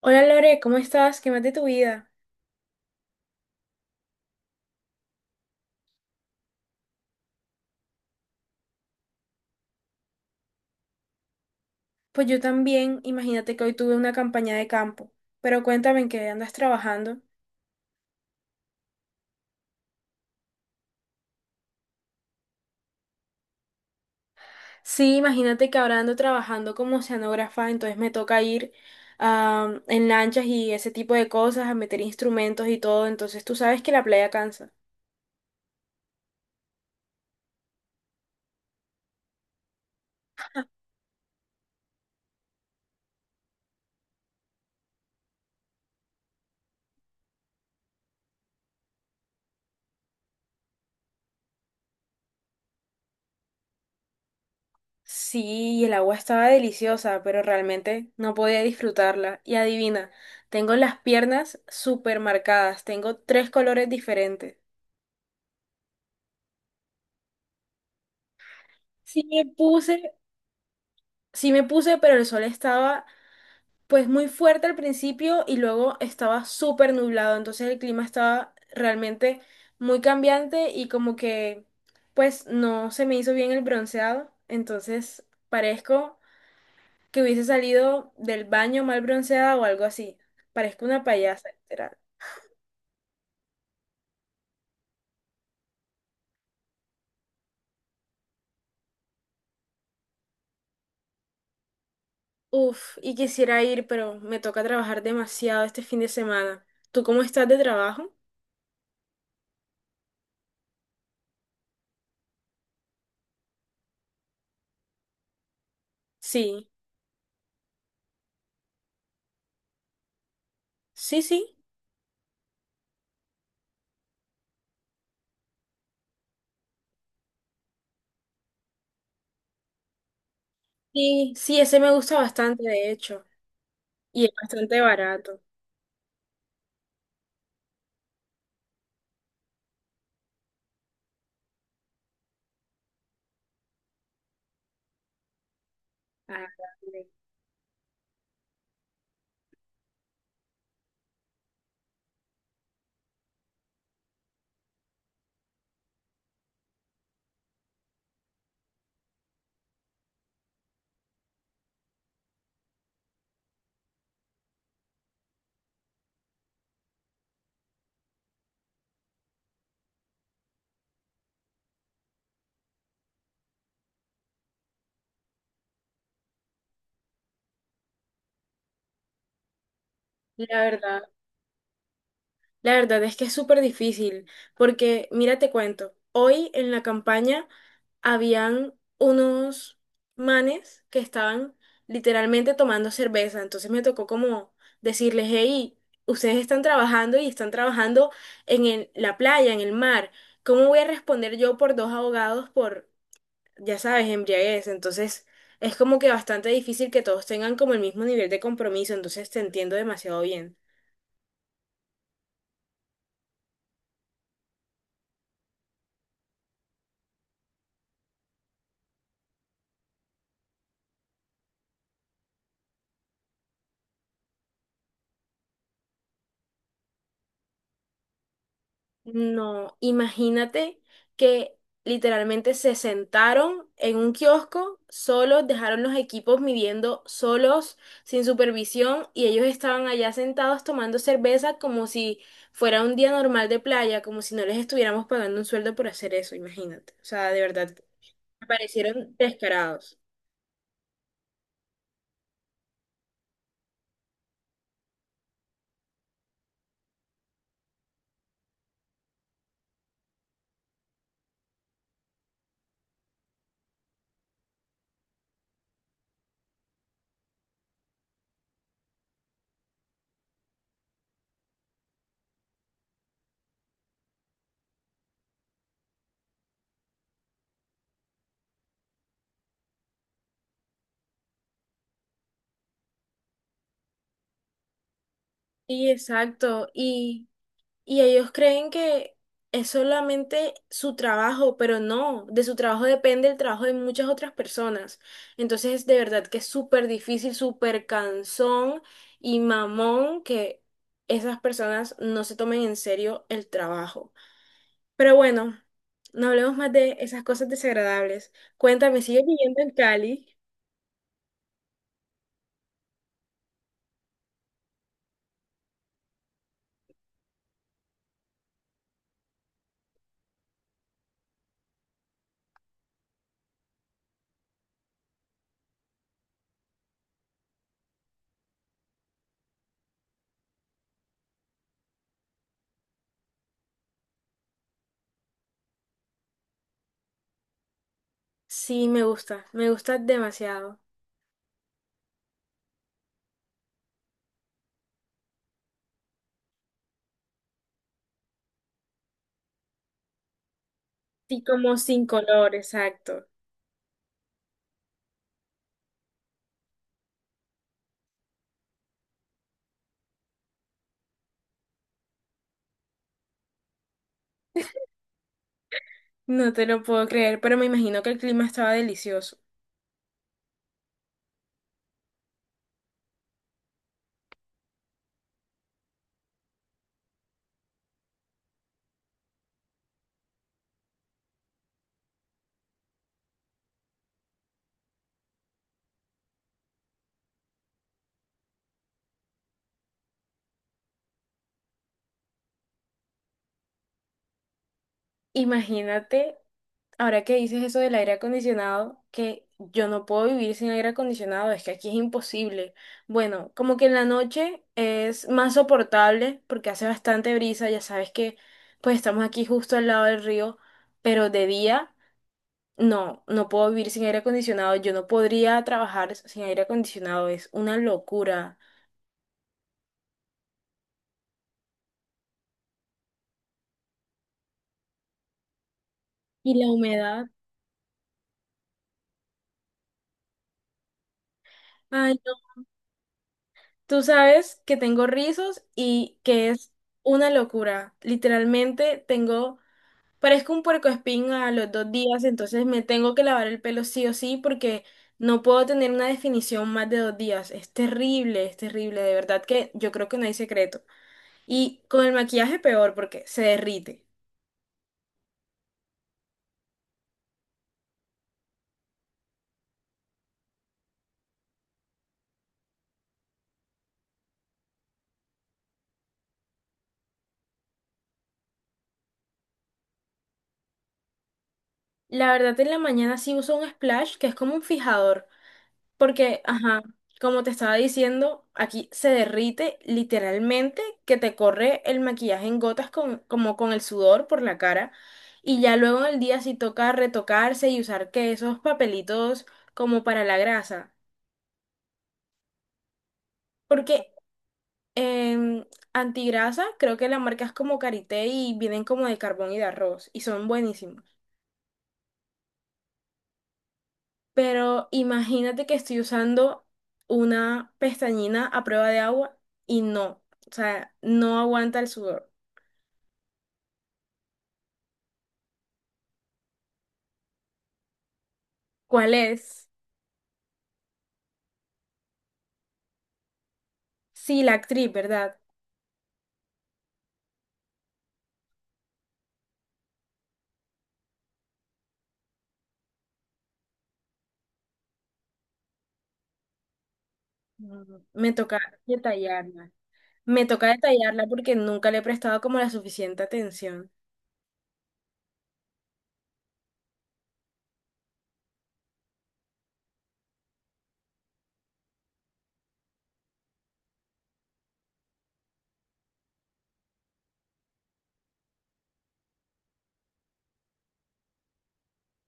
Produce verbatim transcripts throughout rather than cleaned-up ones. Hola Lore, ¿cómo estás? ¿Qué más de tu vida? Pues yo también, imagínate que hoy tuve una campaña de campo, pero cuéntame en qué andas trabajando. Sí, imagínate que ahora ando trabajando como oceanógrafa, entonces me toca ir ah, en lanchas y ese tipo de cosas, a meter instrumentos y todo, entonces tú sabes que la playa cansa. Sí, y el agua estaba deliciosa, pero realmente no podía disfrutarla. Y adivina, tengo las piernas súper marcadas, tengo tres colores diferentes. Sí, me puse Sí me puse, pero el sol estaba pues muy fuerte al principio y luego estaba súper nublado, entonces el clima estaba realmente muy cambiante y como que pues no se me hizo bien el bronceado, entonces parezco que hubiese salido del baño mal bronceada o algo así, parezco una payasa, literal. Uf, y quisiera ir, pero me toca trabajar demasiado este fin de semana. ¿Tú cómo estás de trabajo? Sí, sí, sí. Sí, sí, ese me gusta bastante, de hecho. Y es bastante barato. Ah, vale. La verdad, la verdad es que es súper difícil, porque mira, te cuento, hoy en la campaña habían unos manes que estaban literalmente tomando cerveza, entonces me tocó como decirles, hey, ustedes están trabajando y están trabajando en el- la playa, en el mar, ¿cómo voy a responder yo por dos abogados por ya sabes, embriaguez? Entonces, es como que bastante difícil que todos tengan como el mismo nivel de compromiso. Entonces, te entiendo demasiado bien. No, imagínate que literalmente se sentaron en un kiosco solos, dejaron los equipos midiendo solos, sin supervisión, y ellos estaban allá sentados tomando cerveza como si fuera un día normal de playa, como si no les estuviéramos pagando un sueldo por hacer eso, imagínate. O sea, de verdad, me parecieron descarados. Sí, exacto. Y, y ellos creen que es solamente su trabajo, pero no, de su trabajo depende el trabajo de muchas otras personas. Entonces, de verdad que es súper difícil, súper cansón y mamón que esas personas no se tomen en serio el trabajo. Pero bueno, no hablemos más de esas cosas desagradables. Cuéntame, ¿sigues viviendo en Cali? Sí, me gusta, me gusta demasiado. Sí, como sin color, exacto. No te lo puedo creer, pero me imagino que el clima estaba delicioso. Imagínate, ahora que dices eso del aire acondicionado, que yo no puedo vivir sin aire acondicionado, es que aquí es imposible. Bueno, como que en la noche es más soportable porque hace bastante brisa, ya sabes que pues estamos aquí justo al lado del río, pero de día no, no puedo vivir sin aire acondicionado, yo no podría trabajar sin aire acondicionado, es una locura. Y la humedad. Ay, tú sabes que tengo rizos y que es una locura. Literalmente tengo, parezco un puercoespín a los dos días, entonces me tengo que lavar el pelo sí o sí porque no puedo tener una definición más de dos días. Es terrible, es terrible, de verdad que yo creo que no hay secreto. Y con el maquillaje peor porque se derrite. La verdad en la mañana sí uso un splash que es como un fijador. Porque, ajá, como te estaba diciendo, aquí se derrite literalmente que te corre el maquillaje en gotas con, como con el sudor por la cara. Y ya luego en el día sí toca retocarse y usar que esos papelitos como para la grasa. Porque en antigrasa creo que la marca es como Carité y vienen como de carbón y de arroz y son buenísimos. Pero imagínate que estoy usando una pestañina a prueba de agua y no, o sea, no aguanta el sudor. ¿Cuál es? Sí, la actriz, ¿verdad? Mm, me toca detallarla. Me toca detallarla porque nunca le he prestado como la suficiente atención.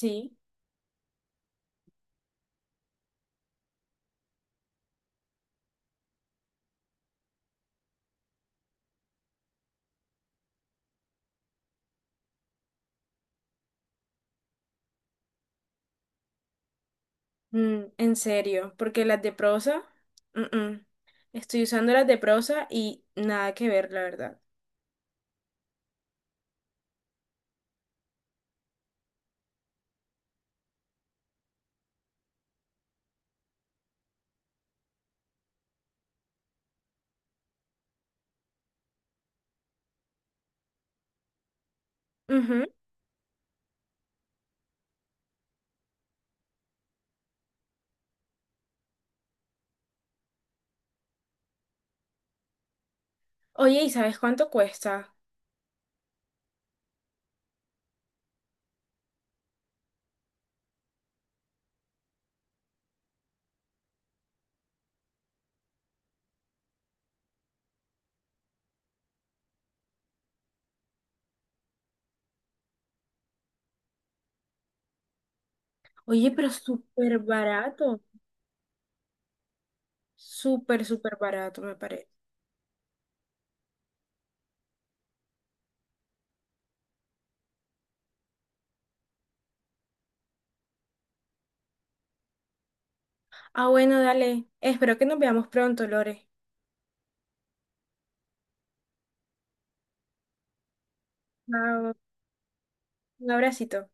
Sí, mm, en serio, porque las de prosa, mm-mm. Estoy usando las de prosa y nada que ver, la verdad. Ujú. Oye, ¿y sabes cuánto cuesta? Oye, pero súper barato. Súper, súper barato, me parece. Ah, bueno, dale. Espero que nos veamos pronto, Lore. Chao. Un abracito.